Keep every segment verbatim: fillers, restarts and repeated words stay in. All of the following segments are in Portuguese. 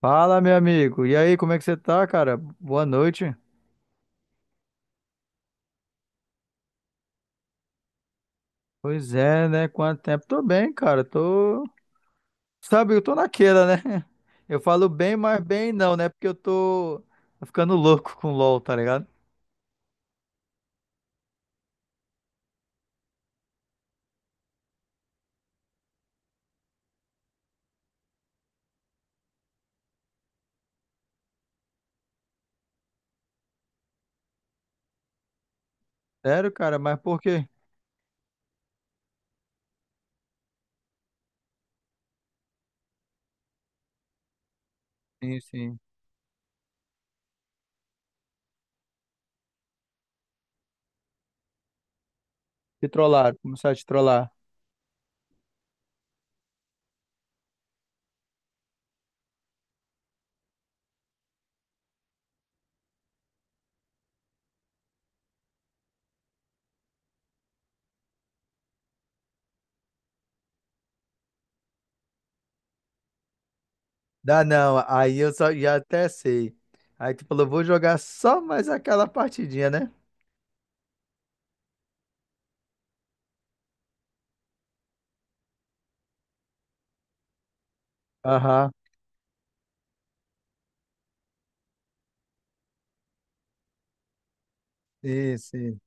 Fala, meu amigo. E aí, como é que você tá, cara? Boa noite. Pois é, né? Quanto tempo? Tô bem, cara. Tô. Sabe, eu tô naquela, né? Eu falo bem, mas bem não, né? Porque eu tô tô ficando louco com LOL, tá ligado? Sério, cara, mas por quê? Sim, sim. Te trollaram, começaram a te trollar. Dá não, aí eu só já até sei. Aí tu falou, vou jogar só mais aquela partidinha, né? Aham. Sim, sim.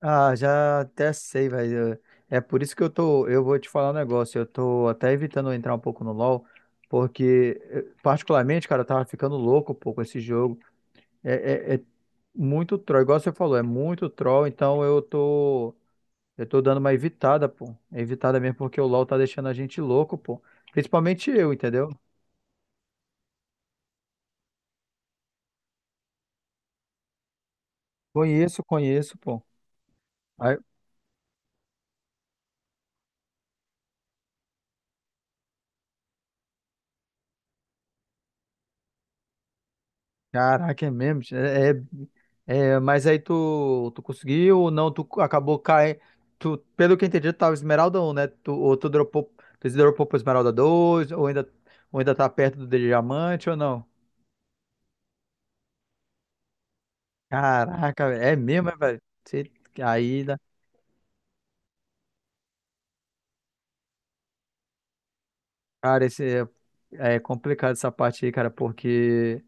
Ah, já até sei, velho. É por isso que eu tô. Eu vou te falar um negócio. Eu tô até evitando entrar um pouco no LoL, porque, eh, particularmente, cara, eu tava ficando louco um pouco esse jogo. É, é, é muito troll, igual você falou, é muito troll, então eu tô. Eu tô dando uma evitada, pô. Evitada mesmo porque o LoL tá deixando a gente louco, pô. Principalmente eu, entendeu? Conheço, conheço, pô. Caraca, é mesmo? É, é, é, mas aí tu, tu conseguiu ou não? Tu acabou caindo. Tu, pelo que eu entendi, tu tava Esmeralda um, né? Tu, ou tu dropou, tu se dropou pra Esmeralda dois? Ou ainda, ou ainda tá perto do diamante ou não? Caraca, velho, é mesmo, é, velho? Você- Aí, dá- cara, esse, é, é complicado essa parte aí, cara, porque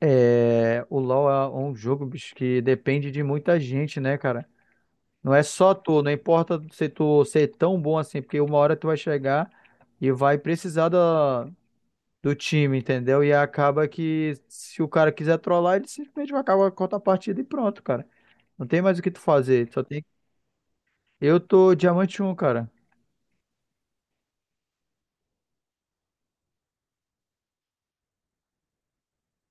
é, o LoL é um jogo, bicho, que depende de muita gente, né, cara? Não é só tu, não importa se tu ser tão bom assim, porque uma hora tu vai chegar e vai precisar da, do time, entendeu? E acaba que se o cara quiser trollar, ele simplesmente vai acabar com a partida e pronto, cara. Não tem mais o que tu fazer, só tem... Eu tô diamante um, cara.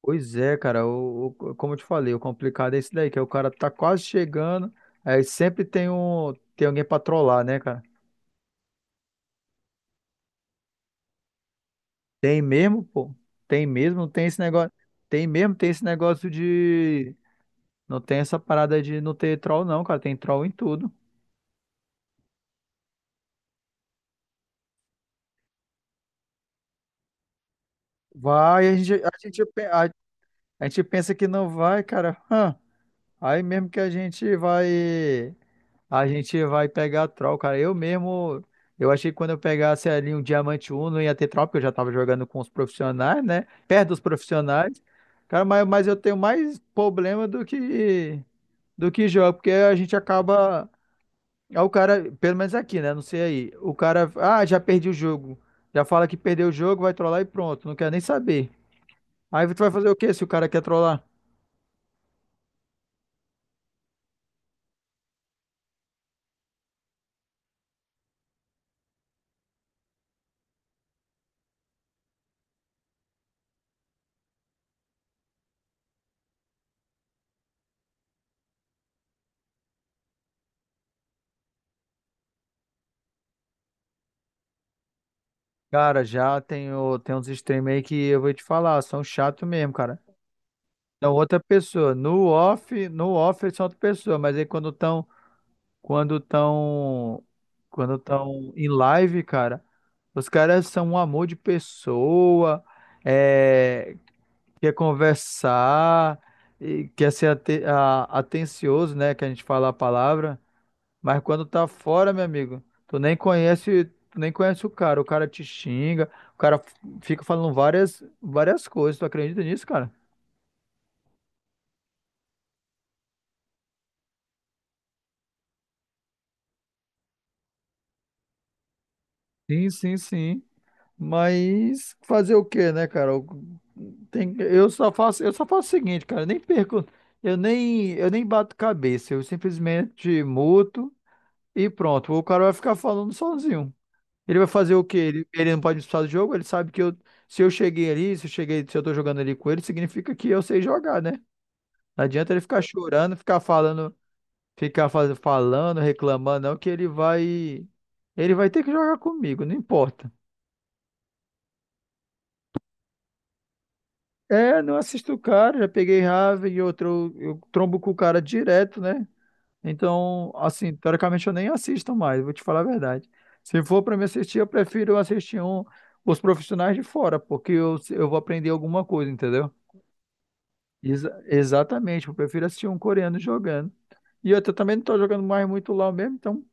Pois é, cara, o, o- como eu te falei, o complicado é esse daí, que é o cara tá quase chegando, aí sempre tem um, tem alguém pra trollar, né, cara? Tem mesmo, pô? Tem mesmo, não tem esse negócio. Tem mesmo, tem esse negócio de Não tem essa parada de não ter troll, não, cara. Tem troll em tudo. Vai, a gente, a gente, pe- a, A gente pensa que não vai, cara. Hã. Aí mesmo que a gente vai. A gente vai pegar troll, cara. Eu mesmo. Eu achei que quando eu pegasse ali um diamante um não ia ter troll, porque eu já tava jogando com os profissionais, né? Perto dos profissionais. Cara, mas, mas eu tenho mais problema do que. Do que jogo, porque a gente acaba. Aí o cara, pelo menos aqui, né? Não sei aí. O cara, ah, já perdi o jogo. Já fala que perdeu o jogo, vai trollar e pronto. Não quer nem saber. Aí tu vai fazer o quê se o cara quer trollar? Cara, já tem, o- tem uns streamers aí que eu vou te falar, são chato mesmo, cara. São outra pessoa. No off, no off eles são outra pessoa, mas aí quando estão, quando estão, quando estão em live, cara, os caras são um amor de pessoa. É, quer conversar, e quer ser ate- a- atencioso, né? Que a gente fala a palavra, mas quando tá fora, meu amigo, tu nem conhece, tu nem conhece o cara, o cara te xinga, o cara f- fica falando várias, várias coisas. Tu acredita nisso, cara? Sim, sim, sim. Mas fazer o quê, né, cara? O- Tem, eu só faço, eu só faço o seguinte, cara, eu nem perco, eu nem, eu nem bato cabeça, eu simplesmente muto e pronto. O cara vai ficar falando sozinho. Ele vai fazer o quê? Ele, ele não pode me expulsar do jogo? Ele sabe que eu, se eu cheguei ali, se eu cheguei, se eu tô jogando ali com ele, significa que eu sei jogar, né? Não adianta ele ficar chorando, ficar falando, ficar faz- falando, reclamando, não, que ele vai, ele vai ter que jogar comigo, não importa. É, não assisto o cara, já peguei raiva e outro, eu trombo com o cara direto, né? Então, assim, teoricamente eu nem assisto mais, vou te falar a verdade. Se for para me assistir, eu prefiro assistir um, os profissionais de fora, porque eu, eu vou aprender alguma coisa, entendeu? Exa- exatamente, eu prefiro assistir um coreano jogando. E eu tô- também não tô jogando mais muito LoL mesmo, então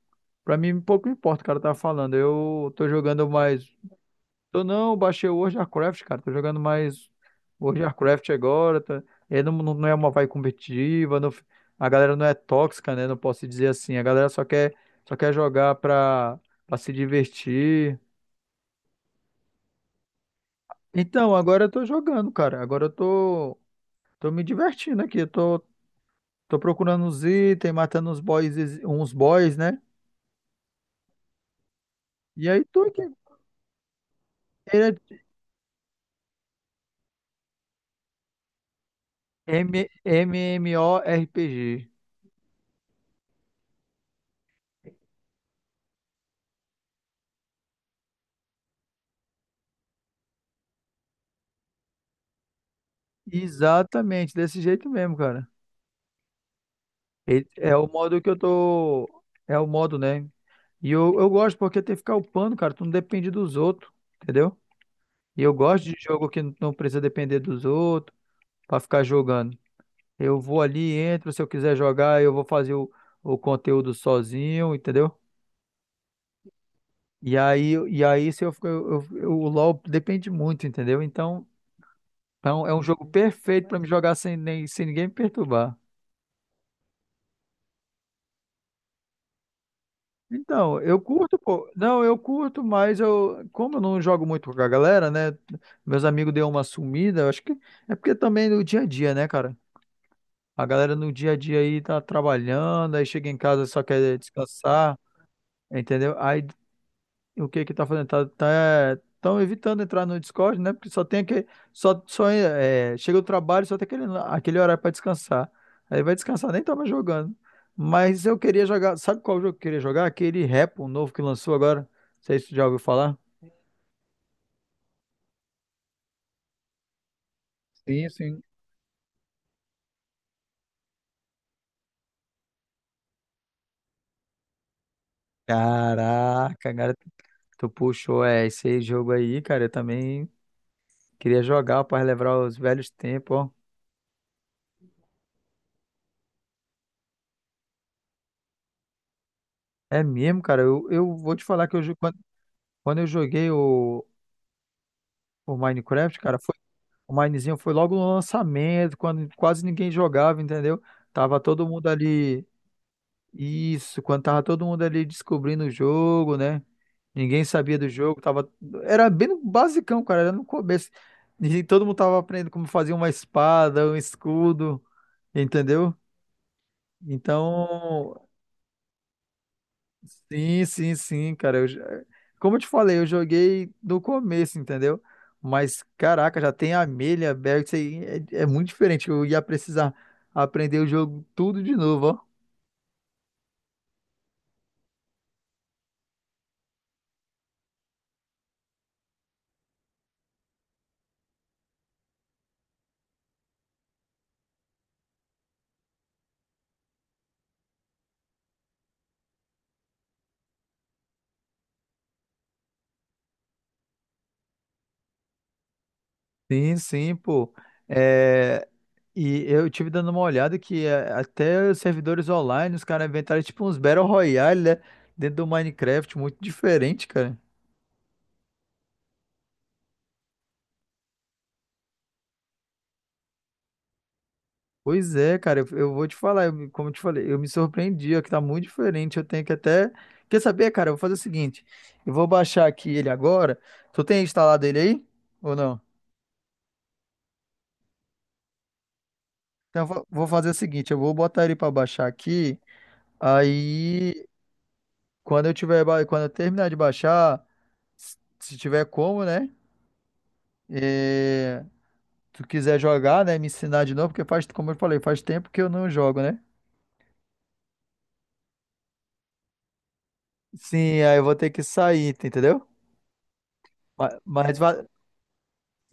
pra mim pouco importa o cara tá falando. Eu tô jogando mais Tô não, baixei o World of Warcraft, cara. Tô jogando mais World of Warcraft agora. Tá... É, não, não não é uma vibe competitiva. não- A galera não é tóxica, né? Não posso dizer assim. A galera só quer, só quer jogar pra, pra se divertir. Então, agora eu tô jogando, cara. Agora eu tô, tô me divertindo aqui. Eu tô, tô procurando uns itens, matando uns boys, uns boys, né? E aí tô aqui. É M- MMORPG. Exatamente, desse jeito mesmo, cara. Ele- É o modo que eu tô. É o modo, né? E eu, eu gosto porque tem que ficar upando, cara. Tu não depende dos outros, entendeu? E eu gosto de jogo que não precisa depender dos outros pra ficar jogando. Eu vou ali, entro. Se eu quiser jogar, eu vou fazer o, o conteúdo sozinho, entendeu? E aí, e aí se eu, fico- eu, eu- eu- o LoL depende muito, entendeu? Então, então é um jogo perfeito pra me jogar sem, nem, sem ninguém me perturbar. Então, eu curto, pô. Não, eu curto, mas eu, como eu não jogo muito com a galera, né? Meus amigos deu uma sumida, eu acho que é porque também no dia a dia, né, cara? A galera no dia a dia aí tá trabalhando, aí chega em casa só quer descansar, entendeu? Aí o que que tá fazendo? Tá, tá, tão evitando entrar no Discord, né? Porque só tem aquele, só, só é, chega do trabalho, só tem aquele, aquele horário para descansar. Aí vai descansar, nem tava jogando. Mas eu queria jogar, sabe qual jogo que eu queria jogar? Aquele Repo novo que lançou agora. Não sei se tu já ouviu falar. Sim, sim. Caraca, cara, tu puxou, é, esse jogo aí, cara, eu também queria jogar para relembrar os velhos tempos, ó. É mesmo, cara, eu, eu vou te falar que eu, jo- quando, quando eu joguei o, o Minecraft, cara, O Minezinho foi logo no lançamento, quando quase ninguém jogava, entendeu? Tava todo mundo ali. Isso, quando tava todo mundo ali descobrindo o jogo, né? Ninguém sabia do jogo, tava. Era bem no basicão, cara, era no começo. E todo mundo tava aprendendo como fazer uma espada, um escudo, entendeu? Então, sim, sim, sim, cara. Eu, já- como eu te falei, eu joguei do começo, entendeu? Mas, caraca, já tem Amelia, Berg, isso aí é, é muito diferente. Eu ia precisar aprender o jogo tudo de novo, ó. Sim, sim, pô. É, e eu tive dando uma olhada que é, até os servidores online, os caras inventaram tipo uns Battle Royale, né? Dentro do Minecraft, muito diferente, cara. Pois é, cara, eu, eu vou te falar, eu me- como eu te falei, eu me surpreendi, ó, que tá muito diferente. Eu tenho que até. Quer saber, cara? Eu vou fazer o seguinte: eu vou baixar aqui ele agora. Tu tem instalado ele aí? Ou não? Então eu vou vou fazer o seguinte: eu vou botar ele pra baixar aqui. Aí, quando eu tiver, ba- quando eu terminar de baixar, se se tiver como, né? É, tu quiser jogar, né? Me ensinar de novo, porque faz, como eu falei, faz tempo que eu não jogo, né? Sim, aí eu vou ter que sair, tá, entendeu? Ma- Mas, va-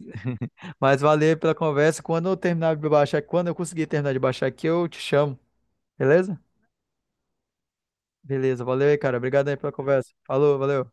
Mas valeu pela conversa. Quando eu terminar de baixar, quando eu conseguir terminar de baixar aqui, eu te chamo. Beleza? Beleza, valeu aí, cara. Obrigado aí pela conversa. Falou, valeu.